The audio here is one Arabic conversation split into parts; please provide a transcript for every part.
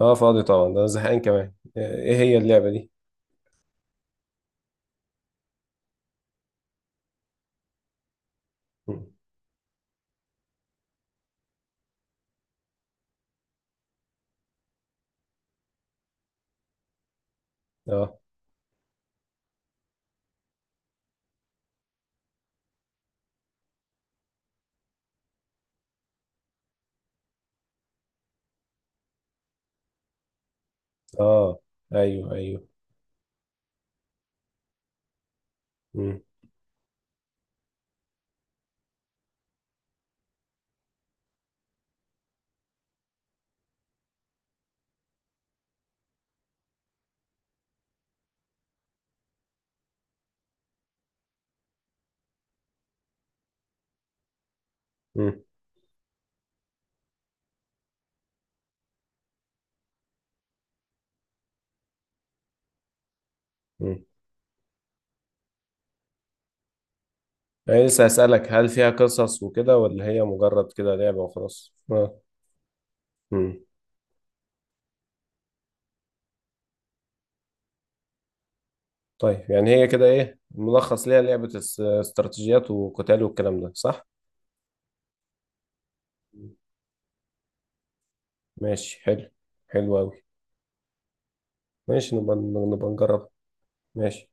اه، فاضي طبعا. ده أنا زهقان كمان. ايه هي اللعبة دي؟ مم. اه، اه، ايوه، ايوه. مم. مم. مم. انا لسه هسألك، هل فيها قصص وكده ولا هي مجرد كده لعبة وخلاص؟ اه. مم. طيب، يعني هي كده ايه ملخص ليها؟ لعبة استراتيجيات وقتال والكلام ده صح؟ مم. ماشي، حلو. حلو أوي. ماشي، نبقى نجربها. ماشي،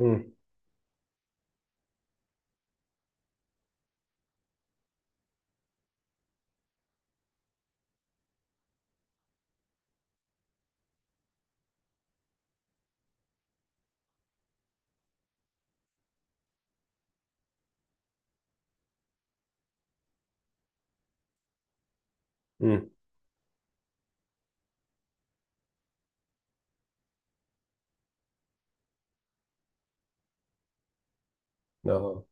امم، امم، اه.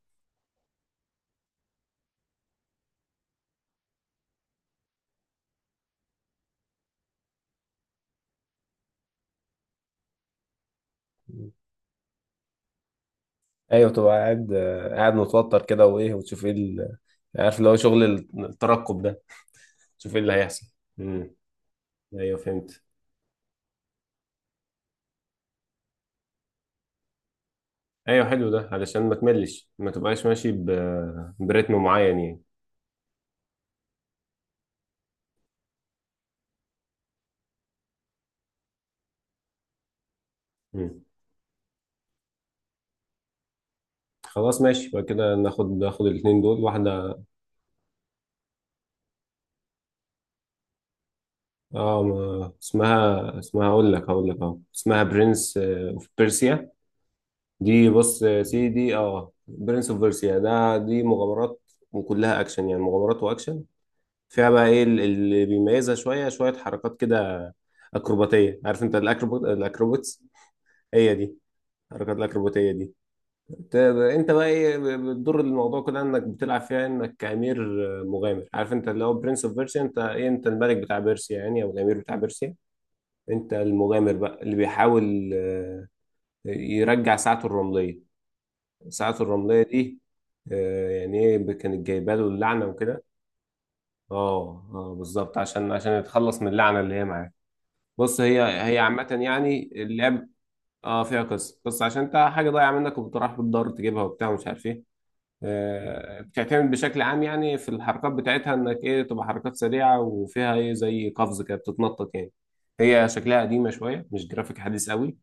ايوه، تبقى قاعد متوتر كده، وايه وتشوف ايه عارف اللي هو شغل الترقب ده. شوف ايه اللي هيحصل. امم، ايوه، فهمت. ايوه، حلو، ده علشان ما تملش، ما تبقاش ماشي برتم معين يعني. مم. خلاص، ماشي، يبقى كده ناخد الاثنين دول واحده. اه، ما... اسمها، اقول لك هقول لك، اه اسمها برنس اوف بيرسيا. دي بص يا سيدي، اه، برنس اوف بيرسيا ده. دي مغامرات، وكلها اكشن، يعني مغامرات واكشن. فيها بقى ايه اللي بيميزها شويه شويه، حركات كده اكروباتيه. عارف انت الاكروبات الاكروباتس، هي دي، حركات الاكروباتيه دي. ت- انت بقى ايه، بتضر الموضوع كده انك بتلعب فيها انك امير مغامر. عارف انت اللي هو برنس اوف بيرسيا، انت ايه؟ انت الملك بتاع بيرسيا يعني، او الامير بتاع بيرسيا. انت المغامر بقى اللي بيحاول يرجع ساعته الرملية. ساعته الرملية دي يعني ايه، كانت جايبه له اللعنة وكده. اه، اه، بالظبط، عشان يتخلص من اللعنة اللي هي معاه. بص هي، عامة يعني اللعب. اه، فيها قصة، بس عشان انت حاجة ضايعة منك وبتروح بتدور تجيبها وبتاع ومش عارف ايه. بتعتمد بشكل عام يعني في الحركات بتاعتها، انك ايه تبقى حركات سريعه، وفيها ايه زي قفز كده بتتنطط يعني. هي شكلها قديمه شويه، مش جرافيك حديث قوي،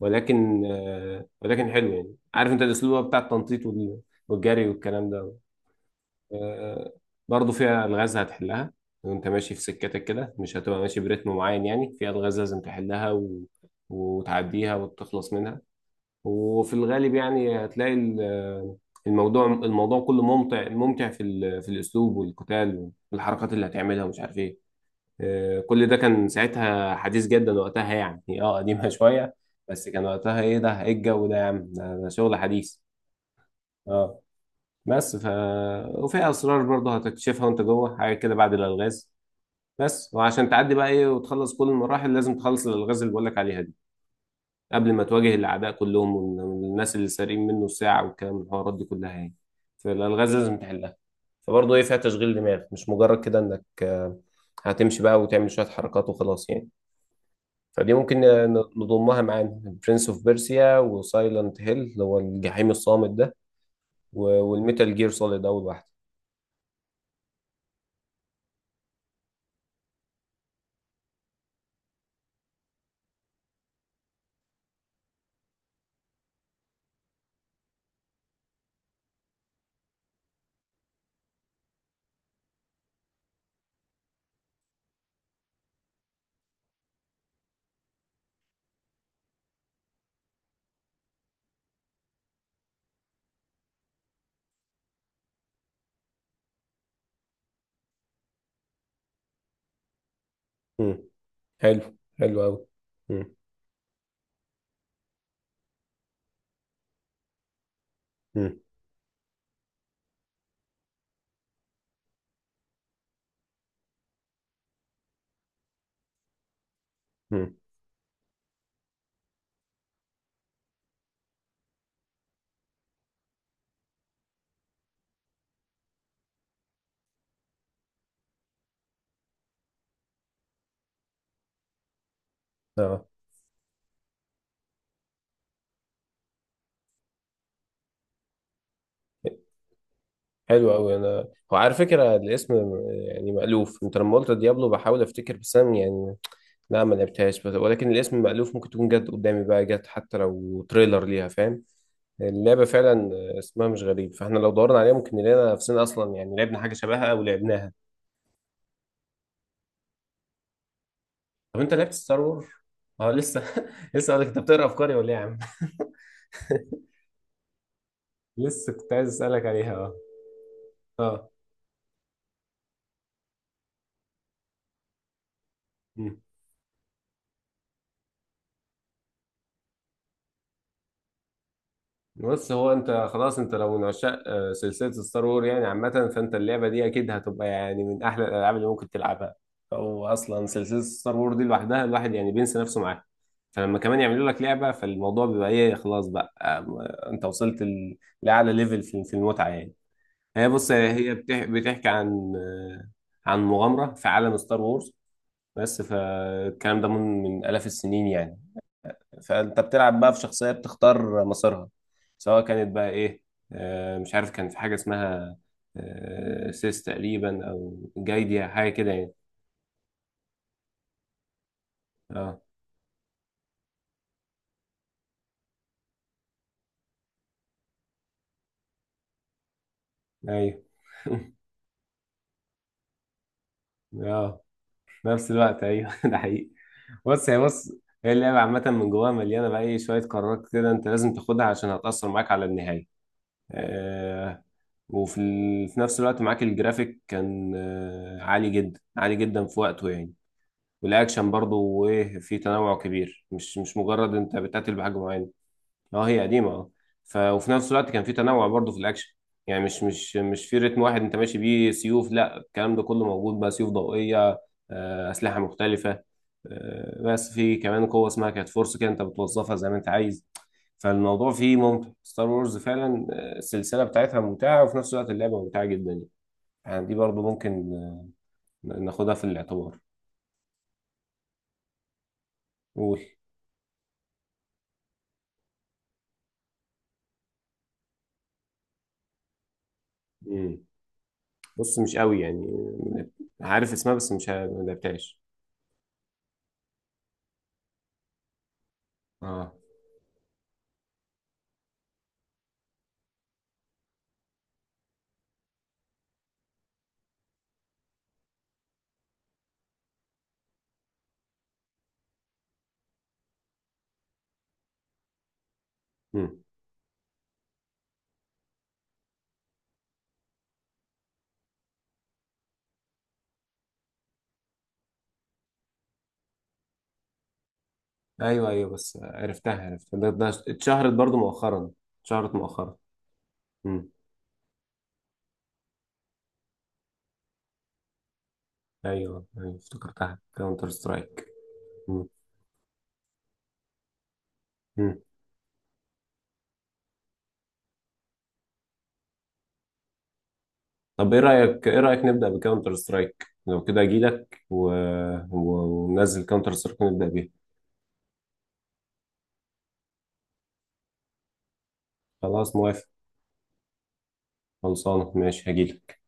ولكن حلو يعني. عارف انت الاسلوب بتاع التنطيط والجري والكلام ده. آه، برضو فيها الغاز هتحلها وانت ماشي في سكتك كده. مش هتبقى ماشي برتم معين يعني، فيها الغاز لازم تحلها وتعديها وتخلص منها. وفي الغالب يعني هتلاقي الموضوع كله ممتع ممتع في الاسلوب والقتال والحركات اللي هتعملها ومش عارف ايه. كل ده كان ساعتها حديث جدا وقتها يعني. اه، قديمه شويه، بس كان وقتها ايه ده، ايه الجو ده يا عم، ده شغل حديث. اه. بس وفي اسرار برضه هتكتشفها وانت جوه حاجه كده بعد الالغاز. بس وعشان تعدي بقى ايه وتخلص كل المراحل، لازم تخلص الالغاز اللي بقول لك عليها دي قبل ما تواجه الأعداء كلهم والناس اللي سارقين منه الساعة والكلام والحوارات دي كلها يعني. فالألغاز لازم تحلها. فبرضه إيه فيها تشغيل دماغ، مش مجرد كده إنك هتمشي بقى وتعمل شوية حركات وخلاص يعني. فدي ممكن نضمها معانا، برنس اوف بيرسيا وسايلنت هيل اللي هو الجحيم الصامت ده، والميتال جير سوليد أول واحدة. مم. حلو، حلو أوي. مم. مم. مم. اه، حلو قوي. انا هو على فكره، الاسم يعني مألوف. انت لما قلت ديابلو بحاول افتكر، بس انا يعني لا، ما لعبتهاش، ولكن الاسم مألوف. ممكن تكون جت قدامي بقى، جت حتى لو تريلر ليها، فاهم؟ اللعبه فعلا اسمها مش غريب، فاحنا لو دورنا عليها ممكن نلاقينا نفسنا اصلا يعني لعبنا حاجه شبهها او لعبناها. طب انت لعبت ستار وور؟ اه، لسه لسه قالك انت بتقرا افكاري ولا ايه يا عم؟ لسه كنت عايز اسالك عليها. اه، اه. بص، هو انت خلاص، انت لو من عشاق سلسله ستار وور يعني عامه، فانت اللعبه دي اكيد هتبقى يعني من احلى الالعاب اللي ممكن تلعبها. او اصلا سلسله ستار وور دي لوحدها الواحد يعني بينسى نفسه معاها، فلما كمان يعملوا لك لعبه، فالموضوع بيبقى ايه، خلاص بقى انت وصلت لاعلى ليفل في المتعه يعني. هي بص، هي بتحكي عن عن مغامره في عالم ستار وورز، بس فالكلام ده من آلاف السنين يعني. فانت بتلعب بقى في شخصيه بتختار مسارها، سواء كانت بقى ايه، مش عارف كان في حاجه اسمها سيس تقريبا او جايديا حاجه كده يعني. اه، ايوه. اه، في نفس الوقت ايوه ده حقيقي. بص هي اللعبه عامه، من جواها مليانه بقى ايه شويه قرارات كده انت لازم تاخدها عشان هتاثر معاك على النهايه. آه، في نفس الوقت معاك الجرافيك كان عالي جدا، عالي جدا في وقته يعني، والاكشن برضو وايه في تنوع كبير، مش مجرد انت بتقتل بحاجه معينه. اه، هي قديمه، اه. وفي نفس الوقت كان في تنوع برضو في الاكشن، يعني مش في رتم واحد انت ماشي بيه سيوف، لا، الكلام ده كله موجود بقى، سيوف ضوئيه، اسلحه مختلفه. بس في كمان قوه اسمها كانت فورس كده، انت بتوظفها زي ما انت عايز. فالموضوع فيه ممتع، ستار وورز فعلا السلسله بتاعتها ممتعه، وفي نفس الوقت اللعبه ممتعه جدا. يعني دي برضو ممكن ناخدها في الاعتبار. قول. مم. بص، مش قوي يعني، عارف اسمها، بس مش ما لعبتهاش. اه. مم. ايوه، ايوه، بس عرفتها، ده اتشهرت برضو مؤخرا. اتشهرت مؤخرا. مم. ايوه، ايوه، افتكرتها، كاونتر سترايك. مم. مم. طب ايه رايك، نبدا بكاونتر سترايك لو كده؟ اجي لك و... وننزل كاونتر سترايك ونبدا بيها. خلاص، موافق. خلصانه، ماشي، هجيلك.